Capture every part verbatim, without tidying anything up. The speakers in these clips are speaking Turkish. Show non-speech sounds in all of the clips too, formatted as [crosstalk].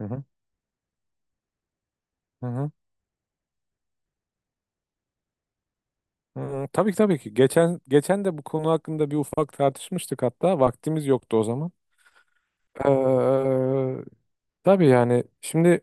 Hı hı, hı hı. Hı, tabii ki tabii ki. Geçen geçen de bu konu hakkında bir ufak tartışmıştık hatta. Vaktimiz yoktu o zaman. Ee, tabii yani şimdi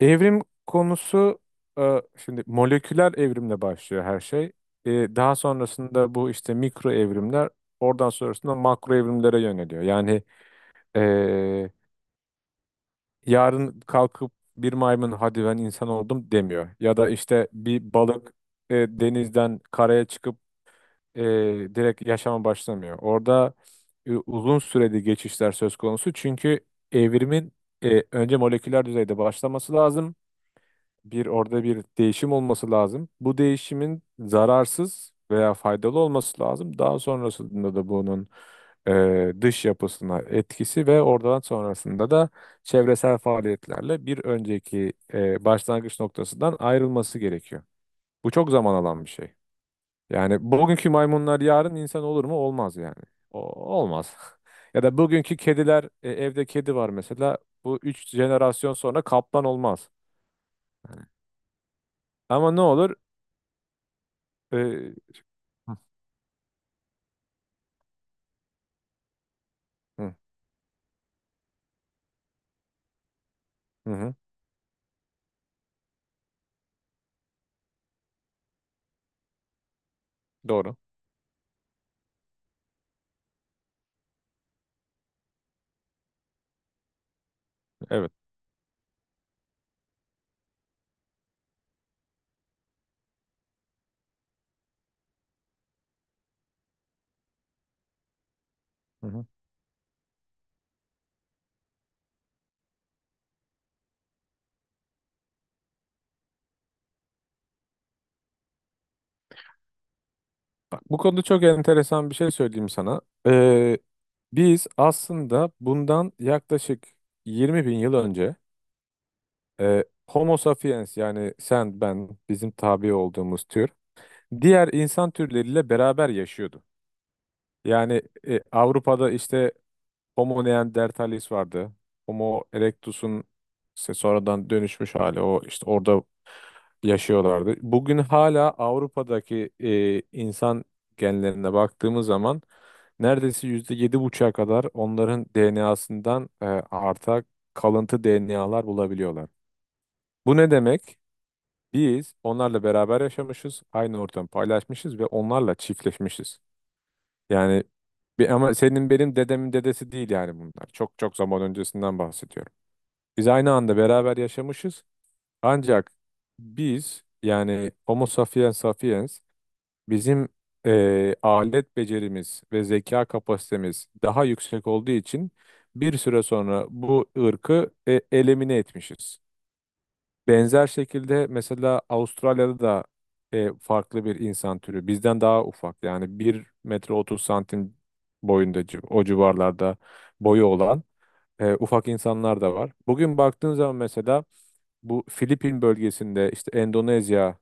evrim konusu, e, şimdi moleküler evrimle başlıyor her şey. Ee, daha sonrasında bu işte mikro evrimler oradan sonrasında makro evrimlere yöneliyor. Yani e, yarın kalkıp bir maymun, hadi ben insan oldum, demiyor. Ya da işte bir balık e, denizden karaya çıkıp e, direkt yaşama başlamıyor. Orada e, uzun süreli geçişler söz konusu. Çünkü evrimin e, önce moleküler düzeyde başlaması lazım. Bir orada bir değişim olması lazım. Bu değişimin zararsız veya faydalı olması lazım. Daha sonrasında da bunun e, dış yapısına etkisi ve oradan sonrasında da çevresel faaliyetlerle bir önceki e, başlangıç noktasından ayrılması gerekiyor. Bu çok zaman alan bir şey. Yani bugünkü maymunlar yarın insan olur mu? Olmaz yani. O, olmaz. [laughs] Ya da bugünkü kediler, e, evde kedi var mesela. Bu üç jenerasyon sonra kaplan olmaz. Ama ne olur? E, Hı hı, hı hı. Doğru. Evet. Hı hı. Bak, bu konuda çok enteresan bir şey söyleyeyim sana. E, Biz aslında bundan yaklaşık yirmi bin yıl önce e, Homo sapiens, yani sen, ben, bizim tabi olduğumuz tür, diğer insan türleriyle beraber yaşıyorduk. Yani e, Avrupa'da işte Homo neanderthalis vardı. Homo erectus'un işte sonradan dönüşmüş hali. O işte orada yaşıyorlardı. Bugün hala Avrupa'daki e, insan genlerine baktığımız zaman neredeyse yüzde yedi buçuğa kadar onların D N A'sından e, arta kalıntı D N A'lar bulabiliyorlar. Bu ne demek? Biz onlarla beraber yaşamışız, aynı ortamı paylaşmışız ve onlarla çiftleşmişiz. Yani bir, ama senin benim dedemin dedesi değil yani bunlar. Çok çok zaman öncesinden bahsediyorum. Biz aynı anda beraber yaşamışız. Ancak biz, yani Homo sapiens sapiens, bizim eee, alet becerimiz ve zeka kapasitemiz daha yüksek olduğu için bir süre sonra bu ırkı e, elimine etmişiz. Benzer şekilde mesela Avustralya'da da e, farklı bir insan türü. Bizden daha ufak, yani bir metre otuz santim boyunda, ci- o civarlarda boyu olan e, ufak insanlar da var. Bugün baktığın zaman mesela bu Filipin bölgesinde, işte Endonezya,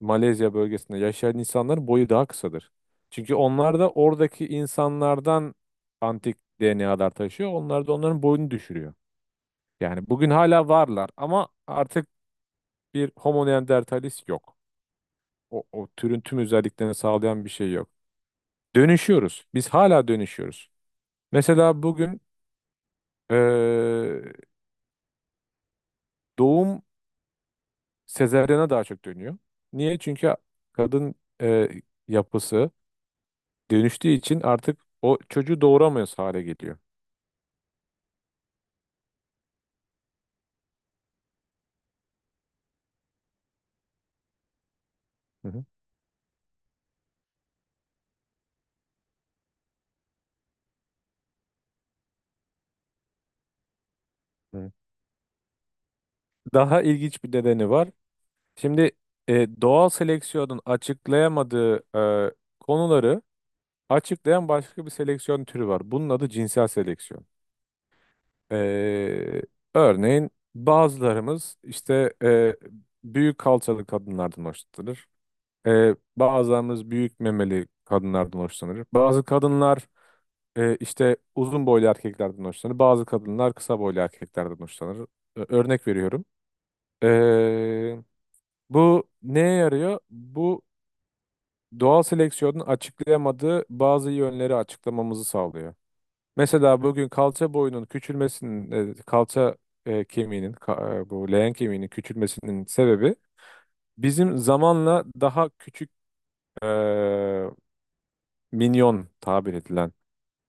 Malezya bölgesinde yaşayan insanların boyu daha kısadır. Çünkü onlar da oradaki insanlardan antik D N A'lar taşıyor. Onlar da onların boyunu düşürüyor. Yani bugün hala varlar ama artık bir Homo neanderthalis yok. O, o türün tüm özelliklerini sağlayan bir şey yok. Dönüşüyoruz. Biz hala dönüşüyoruz. Mesela bugün eee, doğum sezaryana daha çok dönüyor. Niye? Çünkü kadın eee, yapısı dönüştüğü için artık o çocuğu doğuramıyoruz hale geliyor. Hı hı. Hı. Daha ilginç bir nedeni var. Şimdi e, doğal seleksiyonun açıklayamadığı e, konuları açıklayan başka bir seleksiyon türü var. Bunun adı cinsel seleksiyon. E, Örneğin bazılarımız işte e, büyük kalçalı kadınlardan hoşlanır. E, bazılarımız büyük memeli kadınlardan hoşlanır. Bazı kadınlar e, işte uzun boylu erkeklerden hoşlanır. Bazı kadınlar kısa boylu erkeklerden hoşlanır. Ö- örnek veriyorum. E, Bu neye yarıyor? Bu doğal seleksiyonun açıklayamadığı bazı yönleri açıklamamızı sağlıyor. Mesela bugün kalça boyunun küçülmesinin, e, kalça e, kemiğinin, ka- e, bu leğen kemiğinin küçülmesinin sebebi bizim zamanla daha küçük, e, minyon tabir edilen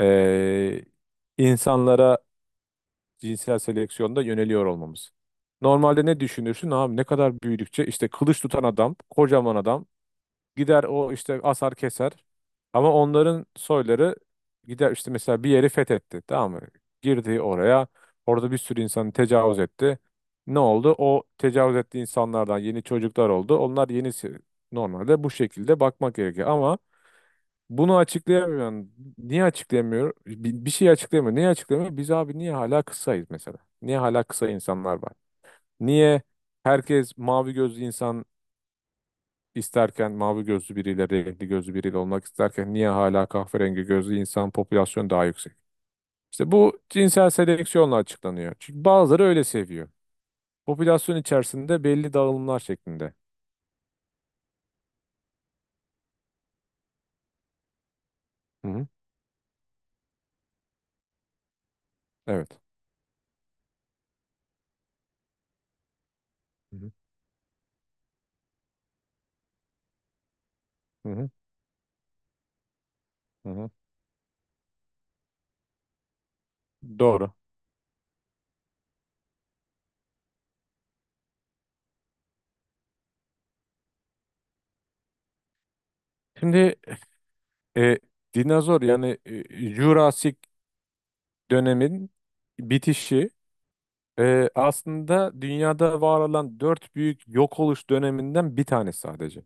e, insanlara cinsel seleksiyonda yöneliyor olmamız. Normalde ne düşünürsün abi, ne kadar büyüdükçe işte kılıç tutan adam, kocaman adam gider o işte asar keser. Ama onların soyları gider işte, mesela bir yeri fethetti, tamam mı? Girdi oraya. Orada bir sürü insanı tecavüz etti. Ne oldu? O tecavüz ettiği insanlardan yeni çocuklar oldu. Onlar yenisi, normalde bu şekilde bakmak gerekiyor. Ama bunu açıklayamıyor. Yani niye açıklayamıyor? Bir, bir şey açıklayamıyor. Niye açıklayamıyor? Biz abi niye hala kısayız mesela? Niye hala kısa insanlar var? Niye herkes mavi gözlü insan isterken, mavi gözlü biriyle, renkli gözlü biriyle olmak isterken niye hala kahverengi gözlü insan popülasyonu daha yüksek? İşte bu cinsel seleksiyonla açıklanıyor. Çünkü bazıları öyle seviyor. Popülasyon içerisinde belli dağılımlar şeklinde. Hı hı. Evet. Hı hı. Hı hı. Hı hı. Doğru. Şimdi e, dinozor, yani e, Jurassic dönemin bitişi e, aslında dünyada var olan dört büyük yok oluş döneminden bir tanesi sadece.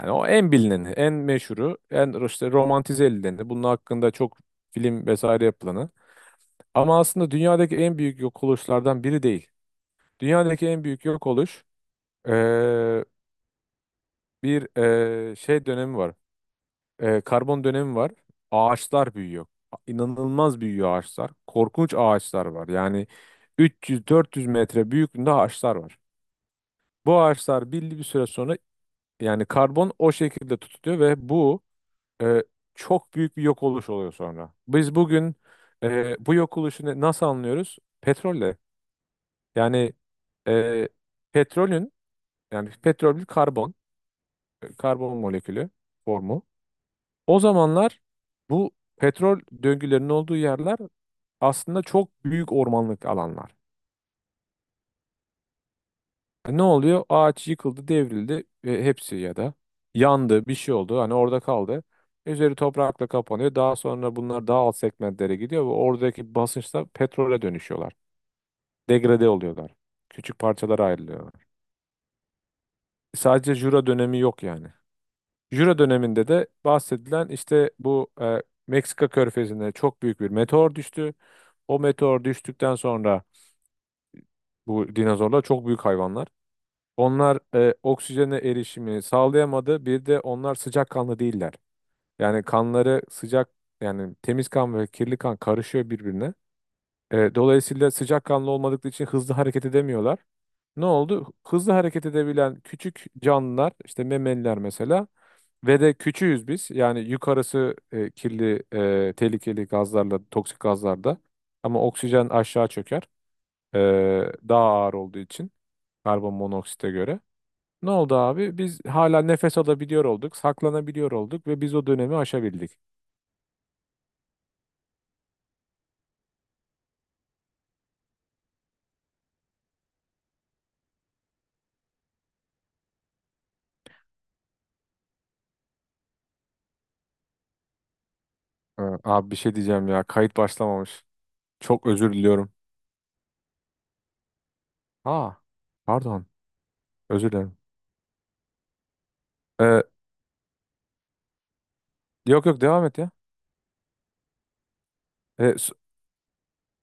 Yani o en bilineni, en meşhuru, en işte romantize edileni, bunun hakkında çok film vesaire yapılanı. Ama aslında dünyadaki en büyük yok oluşlardan biri değil. Dünyadaki en büyük yok oluş, eee, bir eee, şey dönemi var. Eee, karbon dönemi var. Ağaçlar büyüyor. İnanılmaz büyüyor ağaçlar. Korkunç ağaçlar var. Yani üç yüz dört yüz metre büyüklüğünde ağaçlar var. Bu ağaçlar belli bir süre sonra, yani karbon o şekilde tutuluyor ve bu e, çok büyük bir yok oluş oluyor sonra. Biz bugün e, bu yok oluşunu nasıl anlıyoruz? Petrolle. Yani e, petrolün, yani petrol bir karbon, e, karbon molekülü formu. O zamanlar bu petrol döngülerinin olduğu yerler aslında çok büyük ormanlık alanlar. E, Ne oluyor? Ağaç yıkıldı, devrildi. E, hepsi ya da yandı, bir şey oldu. Hani orada kaldı. Üzeri toprakla kapanıyor. Daha sonra bunlar daha alt segmentlere gidiyor ve oradaki basınçla petrole dönüşüyorlar. Degrade oluyorlar. Küçük parçalara ayrılıyorlar. Sadece Jura dönemi yok yani. Jura döneminde de bahsedilen işte bu e, Meksika körfezine çok büyük bir meteor düştü. O meteor düştükten sonra bu dinozorlar çok büyük hayvanlar. Onlar e, oksijene erişimi sağlayamadı. Bir de onlar sıcakkanlı değiller. Yani kanları sıcak, yani temiz kan ve kirli kan karışıyor birbirine. E, dolayısıyla sıcakkanlı olmadıkları için hızlı hareket edemiyorlar. Ne oldu? Hızlı hareket edebilen küçük canlılar, işte memeliler mesela, ve de küçüğüz biz. Yani yukarısı e, kirli, e, tehlikeli gazlarla, toksik gazlarda, ama oksijen aşağı çöker. E, Daha ağır olduğu için, karbon monoksite göre. Ne oldu abi? Biz hala nefes alabiliyor olduk, saklanabiliyor olduk ve biz o dönemi aşabildik. Ha, abi bir şey diyeceğim ya. Kayıt başlamamış. Çok özür diliyorum. Aa, pardon. Özür dilerim. Ee, yok yok devam et ya. Ee, s-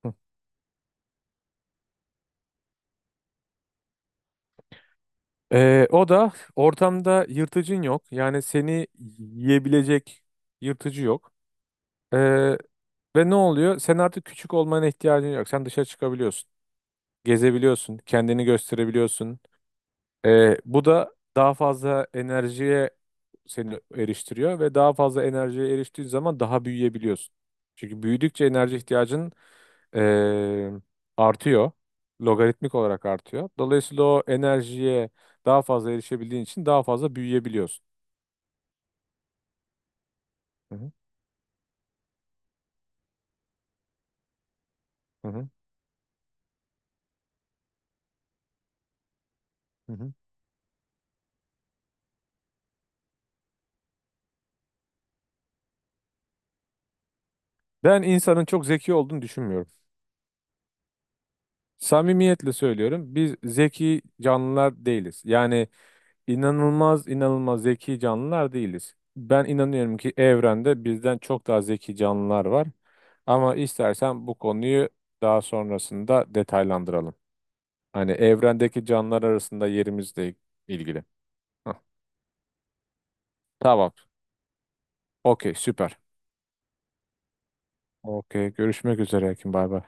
Hı. Ee, o da ortamda yırtıcın yok. Yani seni yiyebilecek yırtıcı yok. Ee, ve ne oluyor? Sen artık küçük olmana ihtiyacın yok. Sen dışarı çıkabiliyorsun. Gezebiliyorsun. Kendini gösterebiliyorsun. Ee, bu da daha fazla enerjiye seni eriştiriyor ve daha fazla enerjiye eriştiğin zaman daha büyüyebiliyorsun. Çünkü büyüdükçe enerji ihtiyacın ee, artıyor. Logaritmik olarak artıyor. Dolayısıyla o enerjiye daha fazla erişebildiğin için daha fazla büyüyebiliyorsun. Hı hı, hı hı, hı hı. Ben insanın çok zeki olduğunu düşünmüyorum. Samimiyetle söylüyorum. Biz zeki canlılar değiliz. Yani İnanılmaz inanılmaz zeki canlılar değiliz. Ben inanıyorum ki evrende bizden çok daha zeki canlılar var. Ama istersen bu konuyu daha sonrasında detaylandıralım. Hani evrendeki canlılar arasında yerimizle ilgili. Hah, tamam. Okey, süper. Okey, görüşmek üzere Ekin. Bay bay.